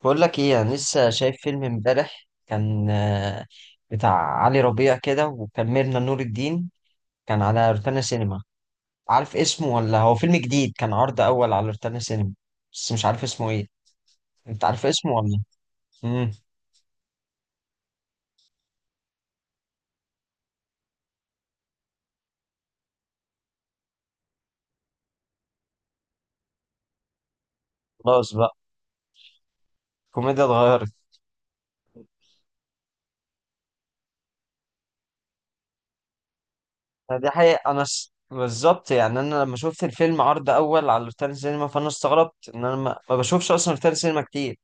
بقول لك ايه، انا لسه شايف فيلم امبارح كان بتاع علي ربيع كده، وكملنا نور الدين. كان على روتانا سينما. عارف اسمه، ولا هو فيلم جديد كان عرض اول على روتانا سينما؟ بس مش عارف اسمه ايه. انت عارف اسمه ولا؟ امم. خلاص بقى، كوميديا اتغيرت. دي حقيقة. بالظبط يعني، انا لما شفت الفيلم عرض اول على روتانا سينما، فانا استغربت ان انا ما بشوفش اصلا روتانا سينما كتير.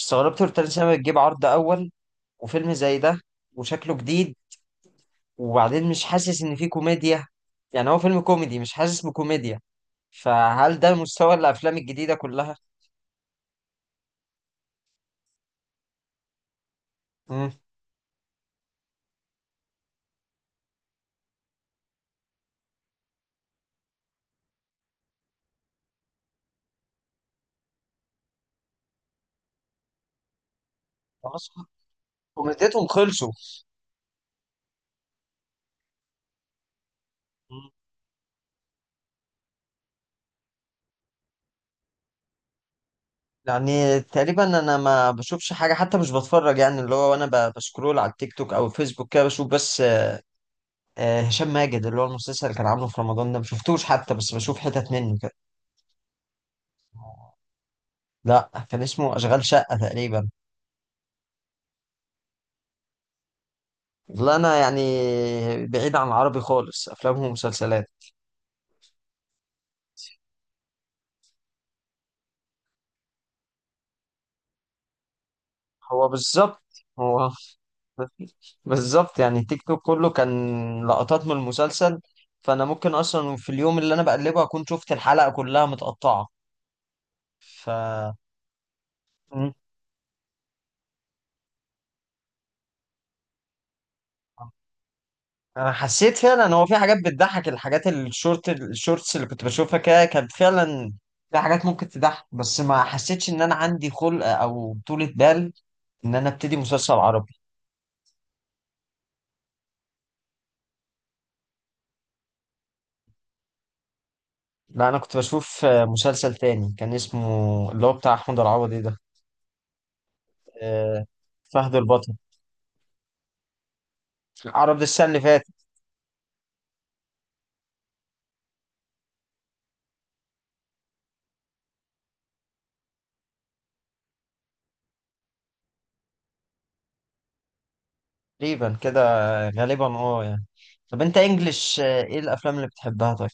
استغربت روتانا سينما بتجيب عرض اول، وفيلم زي ده، وشكله جديد. وبعدين مش حاسس ان في كوميديا، يعني هو فيلم كوميدي مش حاسس بكوميديا. فهل ده مستوى الافلام الجديده كلها؟ مم. خلاص، كوميديتهم خلصوا. مم. يعني تقريبا انا ما بشوفش حاجه، حتى مش بتفرج. يعني اللي هو انا بسكرول على التيك توك او الفيسبوك كده، بشوف بس هشام ماجد، اللي هو المسلسل اللي كان عامله في رمضان ده، ما شفتوش حتى، بس بشوف حتت منه كده. لا، كان اسمه اشغال شقه تقريبا. لا انا يعني، بعيد عن العربي خالص، افلام ومسلسلات. هو بالظبط هو. مفيش. بالظبط يعني، تيك توك كله كان لقطات من المسلسل، فانا ممكن اصلا في اليوم اللي انا بقلبه اكون شفت الحلقة كلها متقطعة. ف مم. انا حسيت فعلا، هو في حاجات بتضحك، الحاجات الشورتس اللي كنت بشوفها كده كانت فعلا في حاجات ممكن تضحك، بس ما حسيتش ان انا عندي خلق او طولة بال ان انا ابتدي مسلسل عربي. لا انا كنت بشوف مسلسل تاني، كان اسمه اللي هو بتاع احمد العوضي ده، آه، فهد البطل. عرض السنة اللي فاتت تقريبا كده، غالبا اه يعني. طب، انت انجلش، ايه الافلام اللي بتحبها؟ طيب.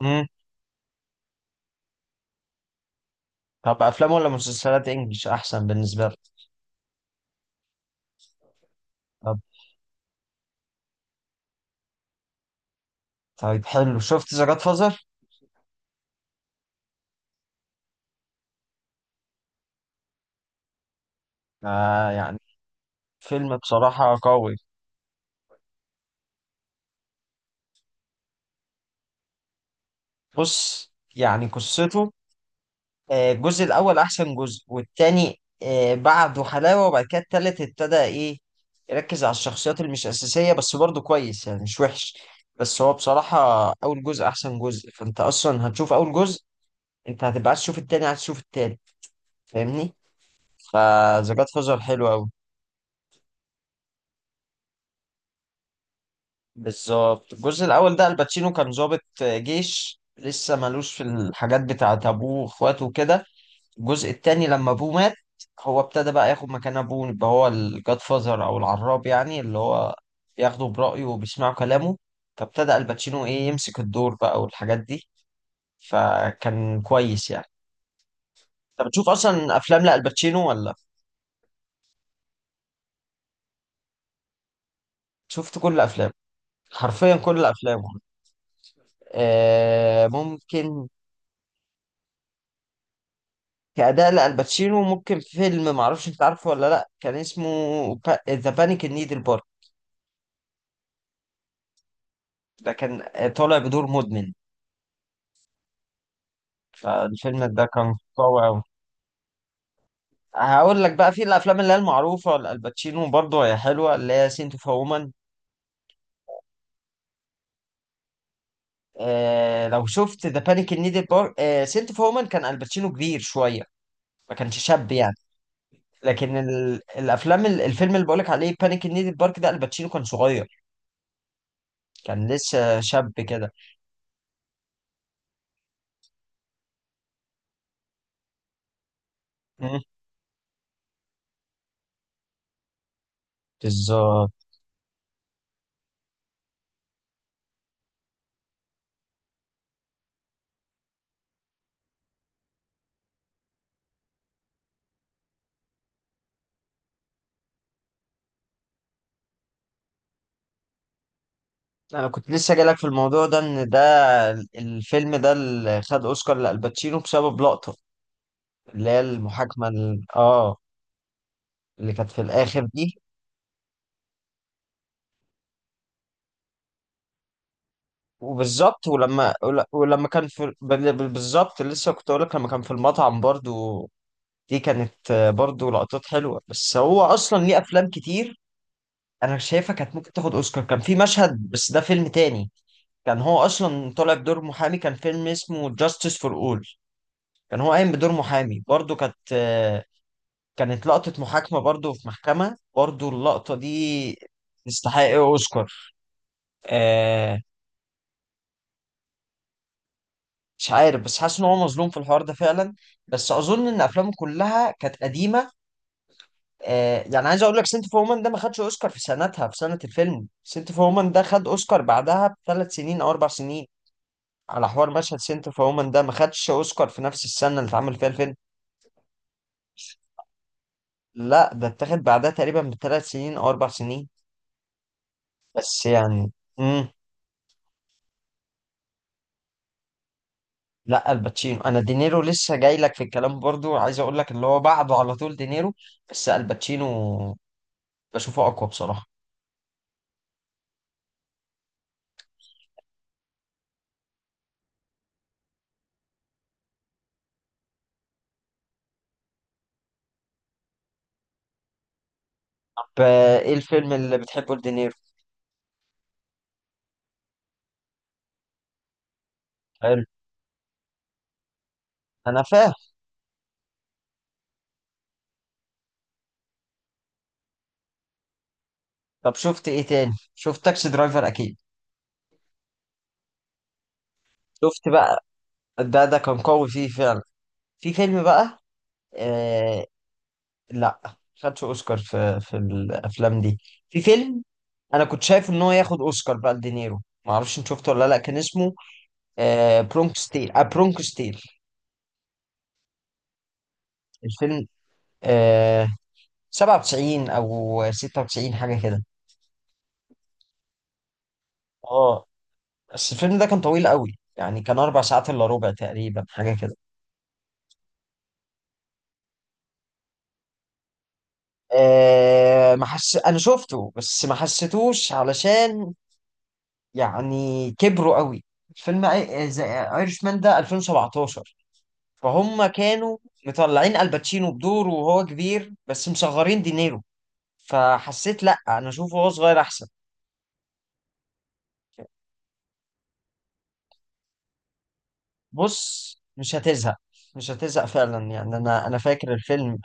امم. طب، افلام ولا مسلسلات انجلش احسن بالنسبه لك؟ طب طيب، حلو، شفت ذا جاد فازر؟ آه يعني، فيلم بصراحه قوي. بص، يعني قصته، الجزء الاول احسن جزء، والتاني بعده حلاوه، وبعد كده التالت ابتدى ايه، يركز على الشخصيات اللي مش اساسيه، بس برضه كويس يعني، مش وحش. بس هو بصراحه اول جزء احسن جزء، فانت اصلا هتشوف اول جزء، انت هتبقى عايز تشوف التاني، عايز تشوف التالت، فاهمني؟ فذا جاد فازر حلو قوي. بالظبط، الجزء الاول ده الباتشينو كان ضابط جيش، لسه مالوش في الحاجات بتاعت ابوه واخواته وكده. الجزء التاني، لما ابوه مات، هو ابتدى بقى ياخد مكان ابوه، يبقى هو الجاد فازر او العراب يعني، اللي هو بياخده برأيه وبيسمعوا كلامه، فابتدى الباتشينو ايه، يمسك الدور بقى والحاجات دي، فكان كويس يعني. انت بتشوف اصلا افلام لألباتشينو ولا؟ شفت كل افلامه، حرفيا كل افلامه. ممكن، كأداء لألباتشينو، ممكن فيلم معرفش انت عارفه ولا لأ، كان اسمه ذا بانيك ان نيد البارك. ده كان طالع بدور مدمن. فالفيلم ده كان قوي أوي. هقول لك بقى، في الأفلام اللي هي المعروفة لألباتشينو برضه، هي حلوة اللي هي سنت اوف وومن. آه، لو شفت ذا بانيك ان نيد البارك سنت اوف وومن، كان ألباتشينو كبير شوية، ما كانش شاب يعني. لكن الفيلم اللي بقولك عليه بانيك ان نيد البارك ده، الباتشينو كان صغير، كان لسه شاب. كده بالظبط. انا كنت لسه جايلك في الموضوع ده، ان ده الفيلم ده اللي خد اوسكار لالباتشينو بسبب لقطه، اللي هي المحاكمه اللي كانت في الاخر دي. وبالظبط، ولما ولما كان في بالظبط لسه كنت اقول لك، لما كان في المطعم برضو، دي كانت برضو لقطات حلوه، بس هو اصلا ليه افلام كتير انا شايفها كانت ممكن تاخد اوسكار، كان في مشهد بس ده فيلم تاني، كان هو اصلا طالع بدور محامي، كان فيلم اسمه جاستس فور اول، كان هو قايم بدور محامي برضو، كانت لقطة محاكمة برضو، في محكمة برضو، اللقطة دي تستحق أوسكار. آه، مش عارف، بس حاسس إن هو مظلوم في الحوار ده فعلا، بس أظن إن أفلامه كلها كانت قديمة. يعني عايز أقول لك، سنت اوف وومن ده ما خدش أوسكار في سنتها، في سنة الفيلم، سنت اوف وومن ده خد أوسكار بعدها بـ3 سنين أو 4 سنين، على حوار مشهد سنت اوف وومن، ده ما خدش أوسكار في نفس السنة اللي اتعمل فيها الفيلم. لا، ده اتاخد بعدها تقريبا بـ3 سنين أو 4 سنين، بس يعني. امم. لا، الباتشينو. انا دينيرو لسه جاي لك في الكلام برضو، عايز اقول لك اللي هو بعده على طول دينيرو، بس الباتشينو بشوفه اقوى بصراحة. طب، ايه الفيلم اللي بتحبه لدينيرو؟ حلو، انا فاهم. طب شفت ايه تاني؟ شفت تاكسي درايفر اكيد. شفت بقى، ده كان قوي فيه فعلا. في فيلم بقى، آه، لا خدش اوسكار في الافلام دي. في فيلم انا كنت شايف ان هو ياخد اوسكار بقى لدينيرو، معرفش انت شفته ولا لا، كان اسمه برونكوستيل الفيلم آه 97 او 96 حاجه كده. اه، بس الفيلم ده كان طويل قوي يعني، كان 4 ساعات الا ربع تقريبا حاجه كده. آه، ما حس انا شفته بس ما حسيتوش، علشان يعني كبروا قوي، فيلم ايرش مان ده 2017، فهم كانوا مطلعين الباتشينو بدور وهو كبير، بس مصغرين دينيرو، فحسيت لا، انا اشوفه وهو صغير احسن. بص مش هتزهق، مش هتزهق فعلا يعني، انا فاكر الفيلم.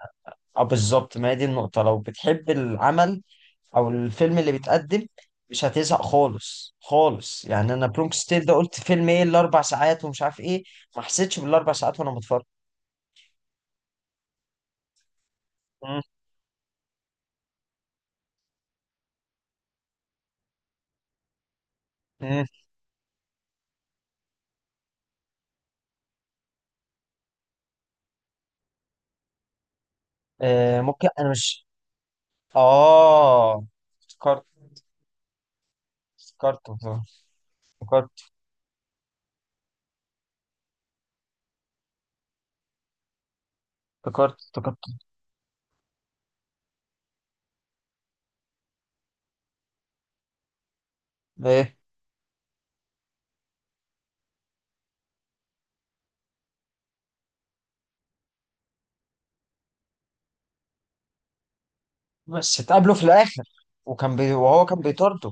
اه بالظبط، ما هي دي النقطة، لو بتحب العمل او الفيلم اللي بيتقدم مش هتزهق خالص خالص يعني. انا برونكو ستيل ده قلت فيلم ايه، الاربع ساعات ومش عارف ايه، ما حسيتش بالاربع ساعات وانا بتفرج. مم. مم. آه ممكن انا مش. اه، افتكرت. افتكرت. افتكرت افتكرت افتكرت. ايه؟ بس اتقابلوا في الاخر، وهو كان بيطارده.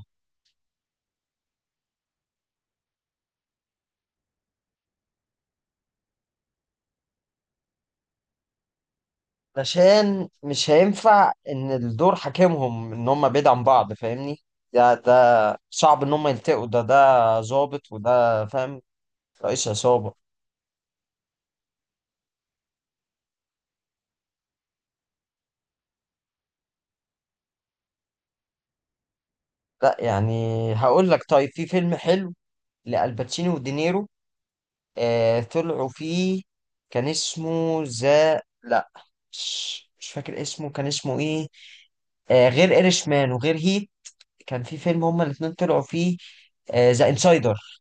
علشان مش هينفع ان الدور حاكمهم ان هم بعيد عن بعض، فاهمني؟ ده صعب ان هم يلتقوا. ده ظابط، وده فاهم رئيس عصابة. لا يعني، هقول لك طيب، في فيلم حلو لألباتشيني ودينيرو، آه، طلعوا فيه، كان اسمه ذا لا مش فاكر اسمه كان اسمه ايه، آه، غير ايرش مان وغير هيت، كان في فيلم هما الاتنين طلعوا فيه، ذا انسايدر.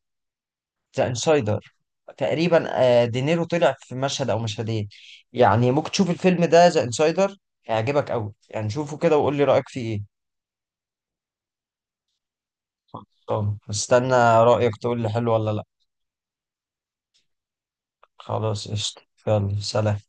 ذا انسايدر تقريبا، دينيرو طلع في مشهد او مشهدين، يعني ممكن تشوف الفيلم ده ذا انسايدر، هيعجبك قوي يعني، شوفه كده وقول لي رايك فيه ايه. طب استنى، رايك تقول لي حلو ولا لا. خلاص قشطة. يلا، سلام.